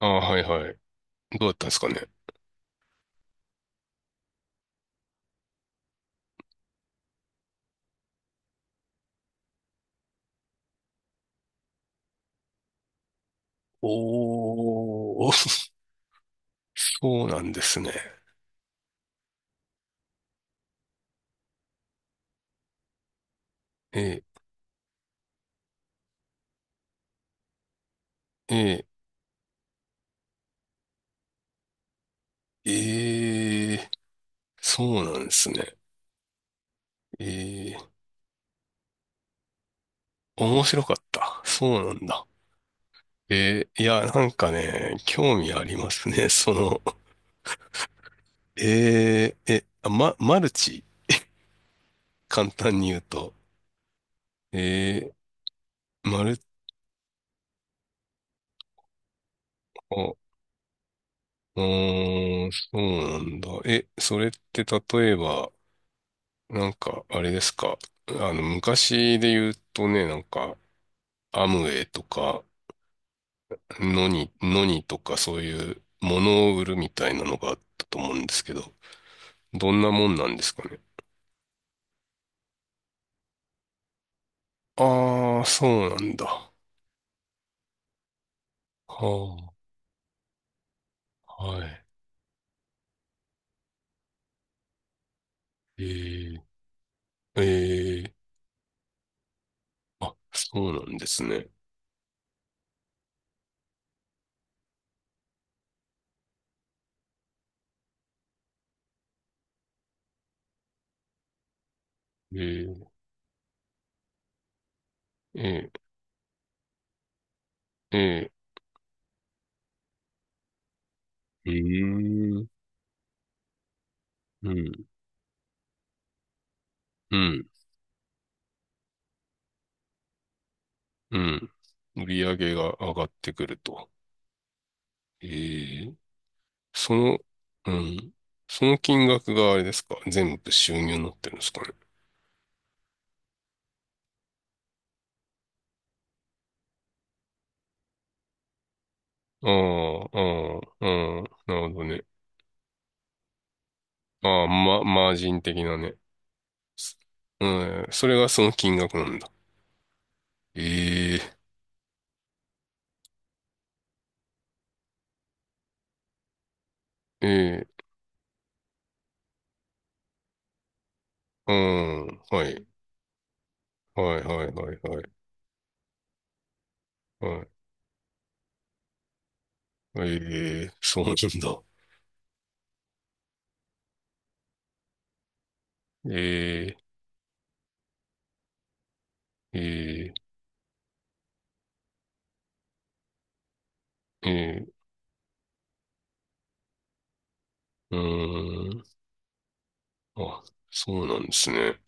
ああ、はいはい。どうだったんですかね。おー、そうなんですね。えー、えー、えー、そうなんですね。えー、面白かった。そうなんだ。えー、いや、なんかね、興味ありますね。その、えー、え、マルチ簡単に言うと。えー、あ、うーん、そうなんだ。え、それって例えば、なんか、あれですか。あの、昔で言うとね、なんか、アムウェイとか、ノニ、ノニとかそういうものを売るみたいなのがあったと思うんですけど、どんなもんなんですかね。ああ、そうなんだ。はあ、はい。えー、えー、あ、そうなんですね。えー、えー、えー、うーん、うん、うん、うん。売り上げが上がってくると。えーその、うん。その金額があれですか、全部収入になってるんですかね。ああ、ああ、ああ、なるほどね。ああ、ま、マージン的なね。す、うん、それがその金額なんだ。ええ、ええ、うん、はい、はい、はい、はい、はい、はい。ええ、そうなんだ。ええ、ええ、ええ、うーん。あ、そうなんですね。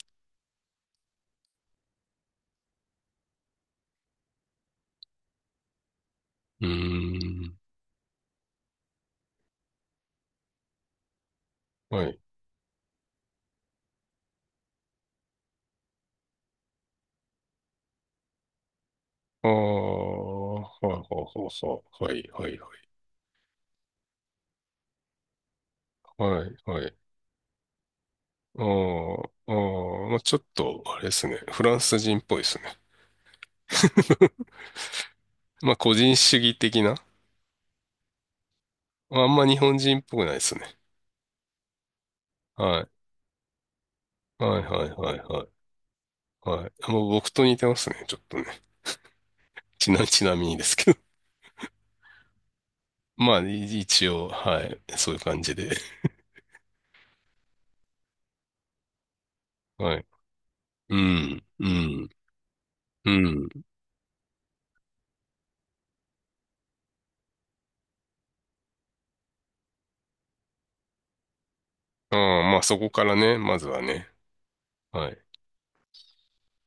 うーん。はい。ああ、はいはい、そうそう。はいはいはい。はいはい。ああ、ああ、まあちょっと、あれですね。フランス人っぽいですね。まあ個人主義的な。まあんま日本人っぽくないですね。はい。はいはいはいはい。はい。あ、もう僕と似てますね。ちょっとね。ちなみにですけど。まあ一応、はい。そういう感じで。はい。うん、うん、うん。ああ、まあそこからね、まずはね。はい。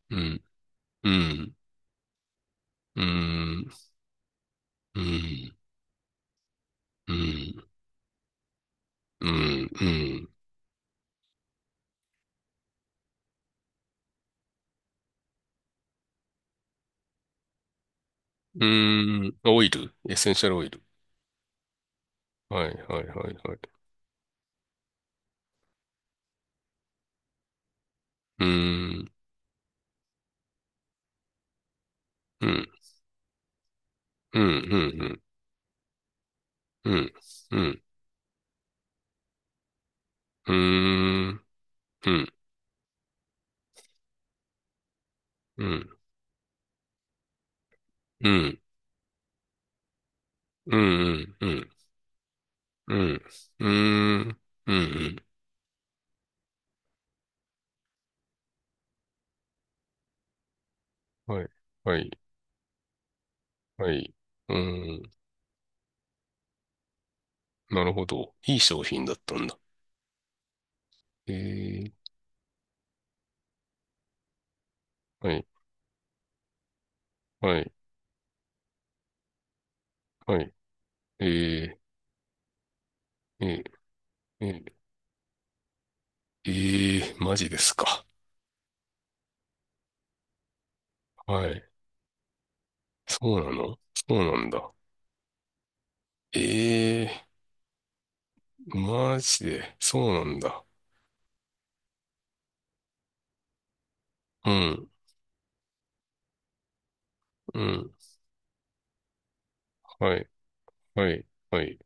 うん、うん、うん、うん。うん、うん、うん、うん、オイル、エッセンシャルオイル。はい、はい、はい、はい。うん、うん、うん、うん、うん、うん、うん、うん、うん、うん、うん、うん、うん、うん、うん、はい、はい、はい。うん、なるほど。いい商品だったんだ。えー、はい、はい、はい。えー、えー、えー、えー、マジですか。はい。そうなの、そうなんだ。ええー、マジで、そうなんだ。うん、うん、はい、はい、はい。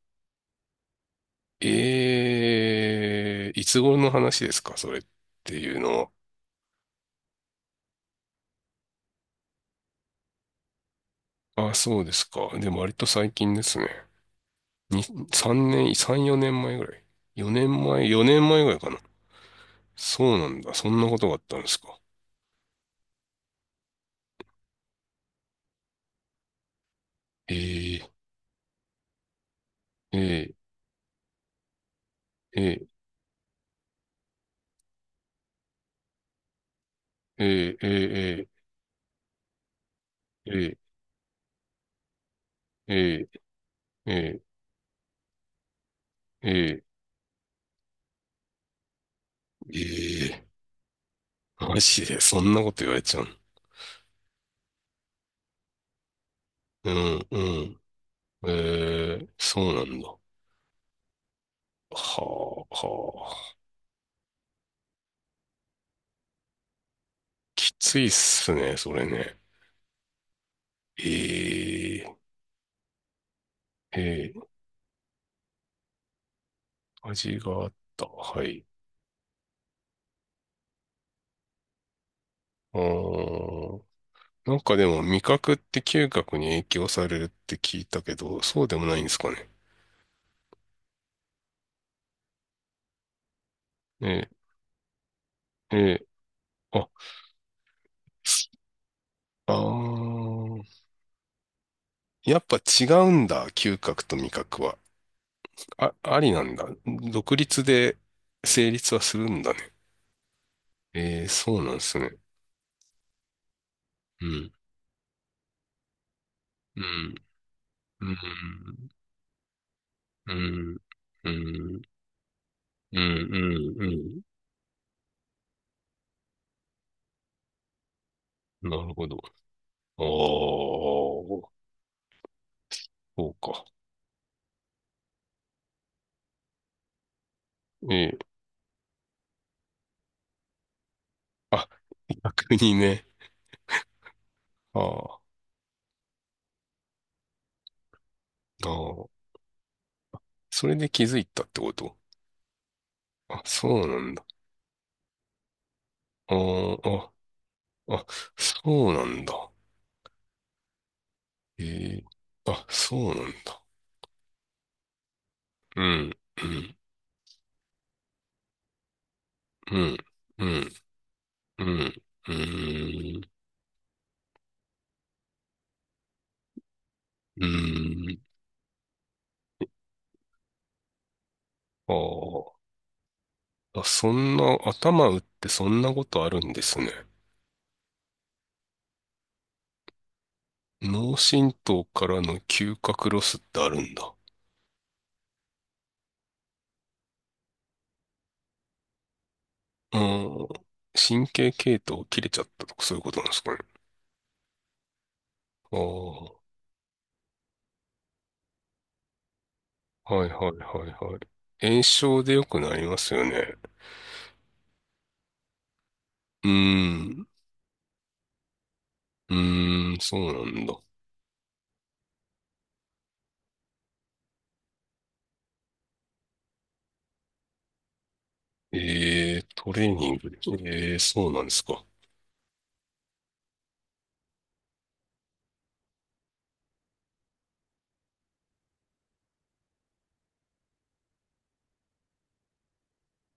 ええー、いつ頃の話ですか、それっていうのは。あ、そうですか。でも割と最近ですね。に、3年、3、4年前ぐらい。4年前、4年前ぐらいかな。そうなんだ。そんなことがあったんですか。えええええええええええええええー、えー、えー、えー、マジで、そんなこと言われちゃう。うん、うん、ええ、そうなんだ。はあ、はあ。きついっすね、それね。ええ、ええ、味があった。はい。うーん。なんかでも味覚って嗅覚に影響されるって聞いたけど、そうでもないんですかね。ええ、ええ、あ、あー、やっぱ違うんだ、嗅覚と味覚は。あ、ありなんだ。独立で成立はするんだね。ええ、そうなんですね。うん。うんうん、うん、うん、うん、うん、うん、なるほど。ああ、そうか。ええ。あ、逆にね。ああ、ああ。それで気づいたってこと。あ、そうなんだ。ああ、あ、あ、そうなんだ。ええ。あ、そうなんだ。うん、うん、うん、うん、うん、うん、うん。ああ、あ、そんな、頭打ってそんなことあるんですね。脳震盪からの嗅覚ロスってあるんだ。うん。神経系統切れちゃったとかそういうことなんですかね。ああ、はいはいはいはい。炎症で良くなりますよね。うーん。うーん、そうなんだ。ええ、トレーニングで。ええ、そうなんですか。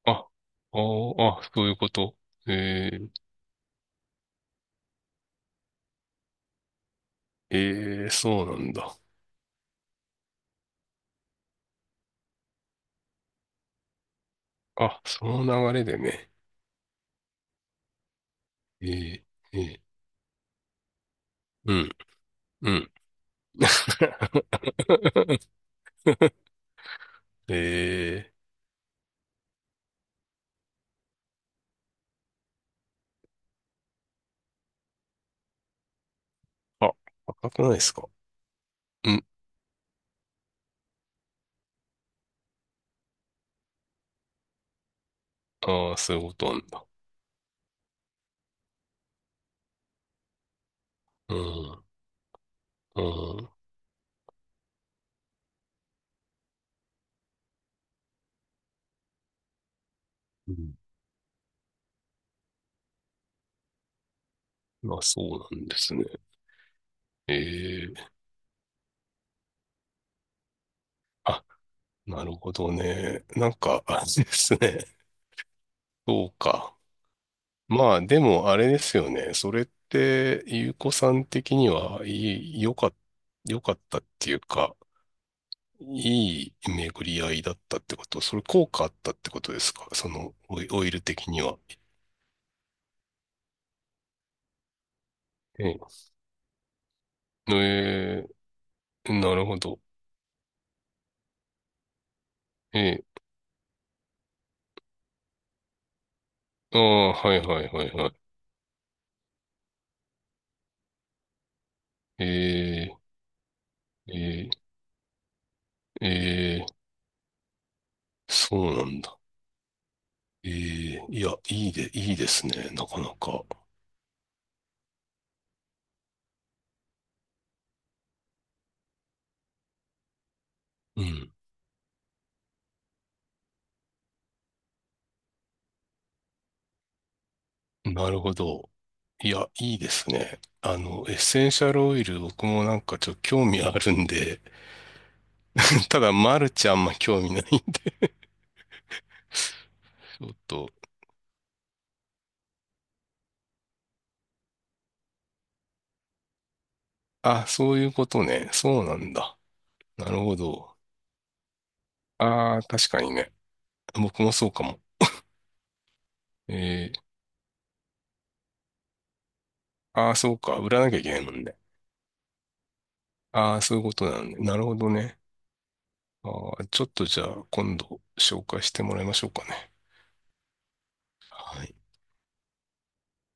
あ、あー、あ、そういうこと。ええ、ええ、そうなんだ。あ、その流れでね。ええ、ええ、うん、うん。ええ、あ、赤くないですか。うん。ああ、そういうことなんだ。うん。うん。うん、まあ、そうなんですね。ええ、あ、なるほどね。なんか、あれですね。そうか。まあ、でも、あれですよね。それって、ゆうこさん的には、いい、良かった、よかったっていうか、いい巡り合いだったってこと、それ効果あったってことですか、その、オイル的には。ええ、ええ、なるほど。ええ、ああ、はいはいはいはい。えー、えー、ええ、そうなんだ。ええ、いや、いいで、いいですね、なかなか。うん。なるほど。いや、いいですね。あの、エッセンシャルオイル、僕もなんかちょっと興味あるんで、ただ、マルチあんま興味ないんだよと。あ、そういうことね。そうなんだ。なるほど。ああ、確かにね。僕もそうかも。ええ、ああ、そうか。売らなきゃいけないもんね。ああ、そういうことなんだ。なるほどね。ああ、ちょっとじゃあ今度紹介してもらいましょうかね。はい。